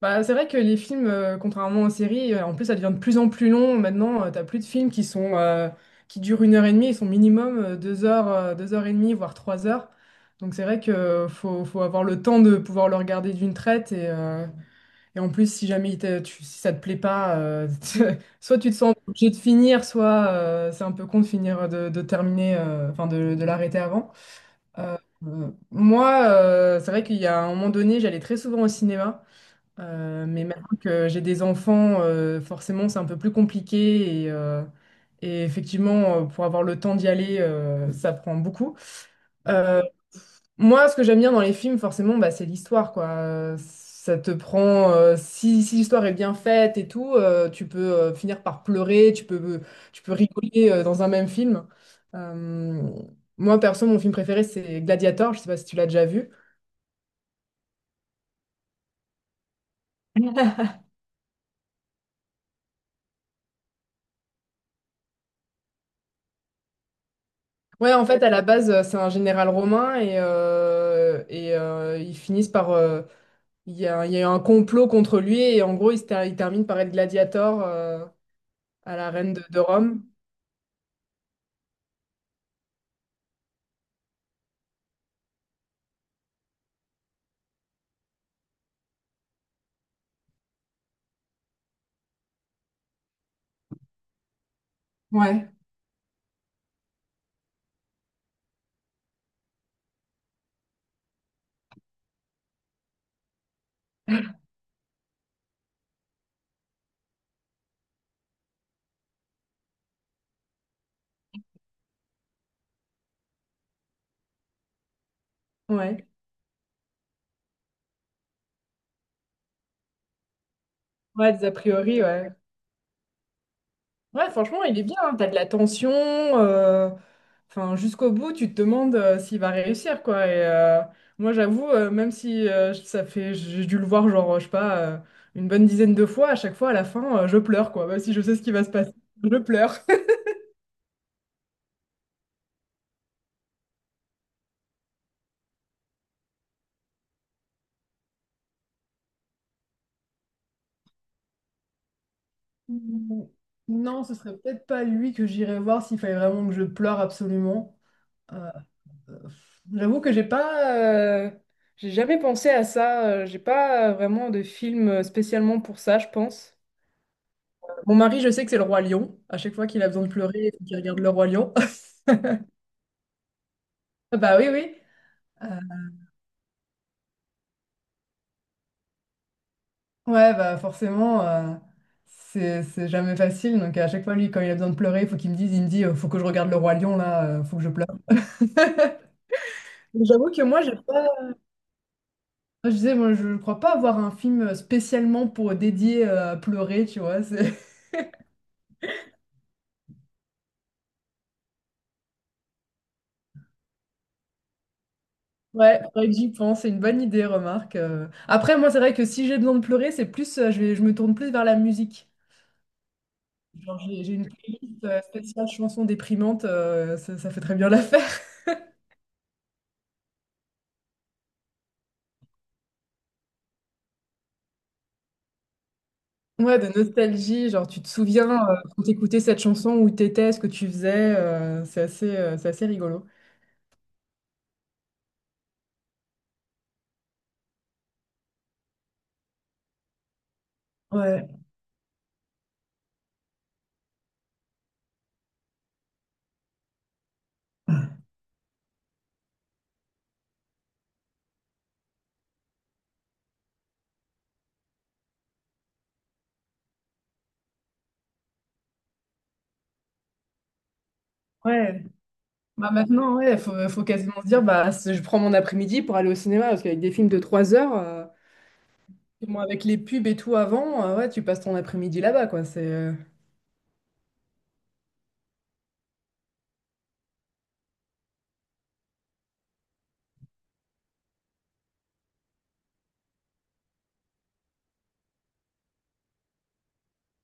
Bah, c'est vrai que les films, contrairement aux séries, en plus ça devient de plus en plus long. Maintenant, t'as plus de films qui sont qui durent 1 heure et demie, ils sont minimum 2 heures, 2 heures et demie, voire 3 heures. Donc c'est vrai que faut avoir le temps de pouvoir le regarder d'une traite et en plus si jamais si ça te plaît pas, soit tu te sens obligé de finir, soit c'est un peu con de finir de terminer, enfin de l'arrêter avant. Euh, Moi, c'est vrai qu'il y a un moment donné, j'allais très souvent au cinéma. Mais maintenant que j'ai des enfants, forcément, c'est un peu plus compliqué. Et effectivement, pour avoir le temps d'y aller, ça prend beaucoup. Euh, Moi, ce que j'aime bien dans les films, forcément, bah, c'est l'histoire, quoi. Ça te prend, si l'histoire est bien faite et tout, tu peux finir par pleurer, tu peux rigoler dans un même film. Euh, Moi, perso, mon film préféré, c'est Gladiator. Je sais pas si tu l'as déjà vu. Ouais, en fait, à la base, c'est un général romain et ils finissent par, il y a, il y a eu un complot contre lui et en gros, il termine par être gladiateur à la reine de Rome. Ouais. Ouais. Ouais, des a priori, ouais. Ouais, franchement, il est bien, hein. T'as de la tension. Enfin, jusqu'au bout, tu te demandes s'il va réussir, quoi. Moi, j'avoue, même si ça fait, j'ai dû le voir, genre, je sais pas, une bonne dizaine de fois, à chaque fois, à la fin, je pleure, quoi. Même si je sais ce qui va se passer, je pleure. Mm, non, ce serait peut-être pas lui que j'irais voir s'il fallait vraiment que je pleure absolument. Euh, euh, J'avoue que j'ai pas, j'ai jamais pensé à ça. J'ai pas vraiment de film spécialement pour ça, je pense. Mon mari, je sais que c'est Le Roi Lion. À chaque fois qu'il a besoin de pleurer, il regarde Le Roi Lion. Bah oui, oui. Euh, ouais, bah forcément, c'est jamais facile. Donc à chaque fois, lui, quand il a besoin de pleurer, il faut qu'il me dise, il me dit, faut que je regarde Le Roi Lion, là, faut que je pleure. Mais j'avoue que moi, j'ai pas. Je disais, moi, je crois pas avoir un film spécialement pour dédié à pleurer, tu vois. C'est, ouais, faudrait que j'y pense. C'est une bonne idée, remarque. Après, moi, c'est vrai que si j'ai besoin de pleurer, c'est plus, je vais, je me tourne plus vers la musique. Genre, j'ai une playlist spéciale chansons déprimantes, ça fait très bien l'affaire. Ouais, de nostalgie, genre tu te souviens quand t'écoutais cette chanson, où t'étais, ce que tu faisais, c'est assez rigolo. Ouais. Ouais, bah maintenant, ouais, faut quasiment se dire, bah, je prends mon après-midi pour aller au cinéma, parce qu'avec des films de 3 heures, moi, avec les pubs et tout avant, ouais, tu passes ton après-midi là-bas, quoi.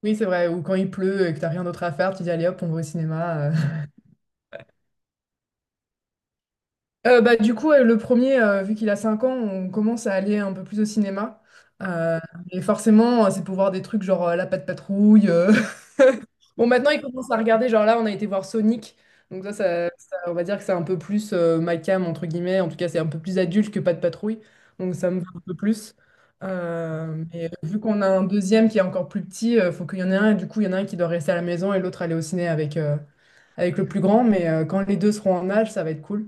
Oui, c'est vrai, ou quand il pleut et que t'as rien d'autre à faire, tu dis, allez hop, on va au cinéma. Bah, du coup, ouais, le premier, vu qu'il a 5 ans, on commence à aller un peu plus au cinéma. Euh, et forcément, c'est pour voir des trucs genre La Patte Patrouille. Bon, maintenant, il commence à regarder. Genre là, on a été voir Sonic. Donc on va dire que c'est un peu plus ma cam, entre guillemets. En tout cas, c'est un peu plus adulte que Patte Patrouille. Donc ça me va un peu plus. Mais vu qu'on a un deuxième qui est encore plus petit, faut qu'il y en ait un. Et du coup, il y en a un qui doit rester à la maison et l'autre aller au ciné avec le plus grand. Mais quand les deux seront en âge, ça va être cool.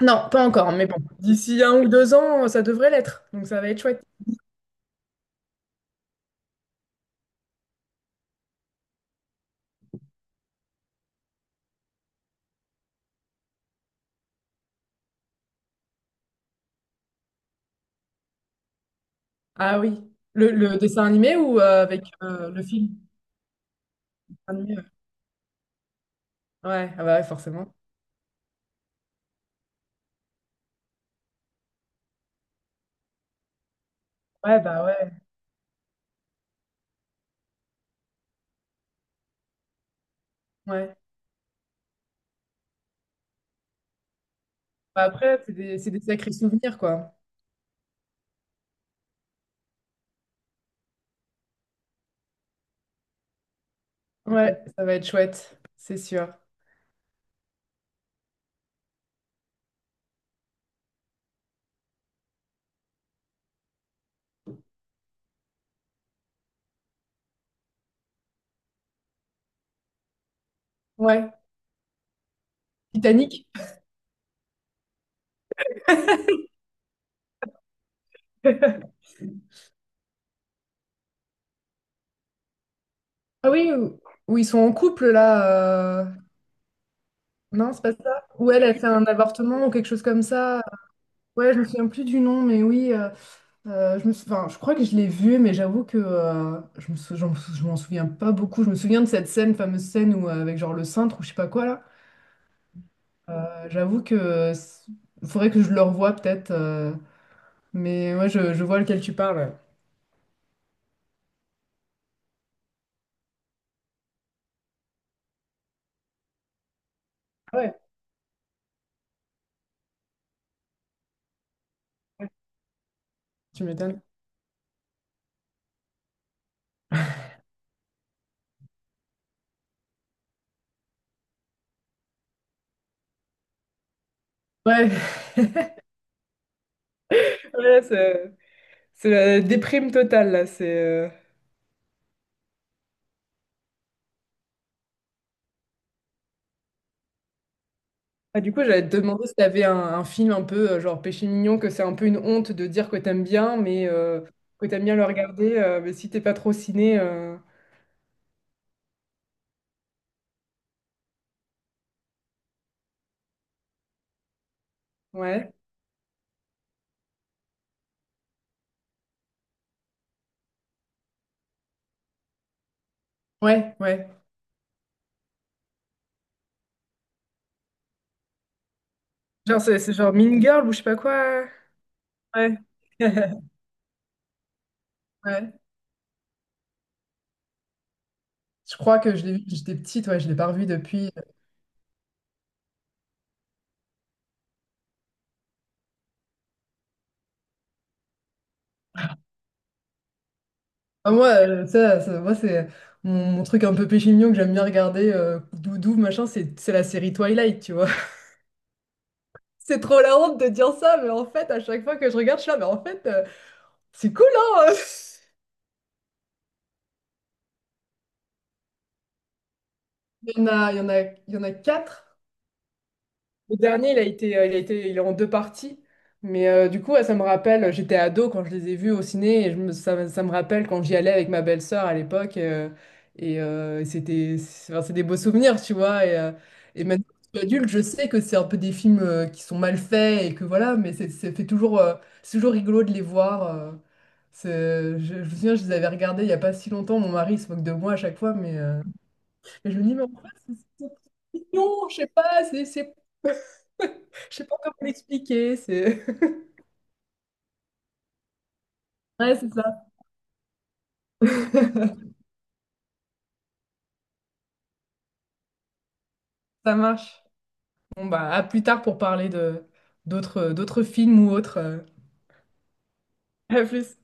Non, pas encore, mais bon. D'ici 1 ou 2 ans, ça devrait l'être. Donc ça va être chouette. Ah oui. Le dessin animé ou avec le film? Animé, ouais. Ouais, ah bah ouais, forcément. Ouais, bah ouais. Ouais. Bah après, c'est des sacrés souvenirs, quoi. Ouais, ça va être chouette, c'est sûr. Ouais. Titanic. Ah oui, où ils sont en couple là. Non, c'est pas ça. Ou elle, elle fait un avortement ou quelque chose comme ça. Ouais, je me souviens plus du nom, mais oui. Enfin, je crois que je l'ai vu, mais j'avoue que je m'en souviens pas beaucoup. Je me souviens de cette scène, fameuse scène où, avec genre le cintre ou je sais pas quoi là. J'avoue que faudrait que je le revoie peut-être. Mais ouais, je vois lequel tu parles. Ouais, ouais, tu m'étonnes. Ouais, ouais, c'est la déprime totale là. C'est Ah, du coup, j'allais te demander si t'avais un film un peu genre Péché mignon, que c'est un peu une honte de dire que t'aimes bien, mais que t'aimes bien le regarder, mais si t'es pas trop ciné. Ouais. Ouais, ouais. Genre, c'est genre Mean Girl ou je sais pas quoi. Ouais. Ouais. Je crois que je l'ai vu, j'étais petite, ouais, je l'ai pas revu depuis. Ah, moi, moi c'est mon truc un peu péché mignon que j'aime bien regarder, doudou, machin, c'est la série Twilight, tu vois. C'est trop la honte de dire ça, mais en fait, à chaque fois que je regarde, je suis là, mais en fait, c'est cool, hein? Il y en a quatre. Le dernier, il est en deux parties. Mais du coup, ouais, ça me rappelle, j'étais ado quand je les ai vus au ciné, et je me- ça, me ça me rappelle quand j'y allais avec ma belle-sœur à l'époque. Et c'était, c'est Enfin, c'est des beaux souvenirs, tu vois. Et maintenant, que je suis adulte, je sais que c'est un peu des films qui sont mal faits et que voilà, mais c'est ça fait toujours, c'est toujours rigolo de les voir. Je me souviens, je les avais regardés il n'y a pas si longtemps. Mon mari se moque de moi à chaque fois, mais je me dis, mais en fait, c'est mignon, je sais pas, c'est je sais pas comment l'expliquer, c'est... Ouais, c'est ça. Ça marche. Bon, bah, à plus tard pour parler de d'autres films ou autres. À plus.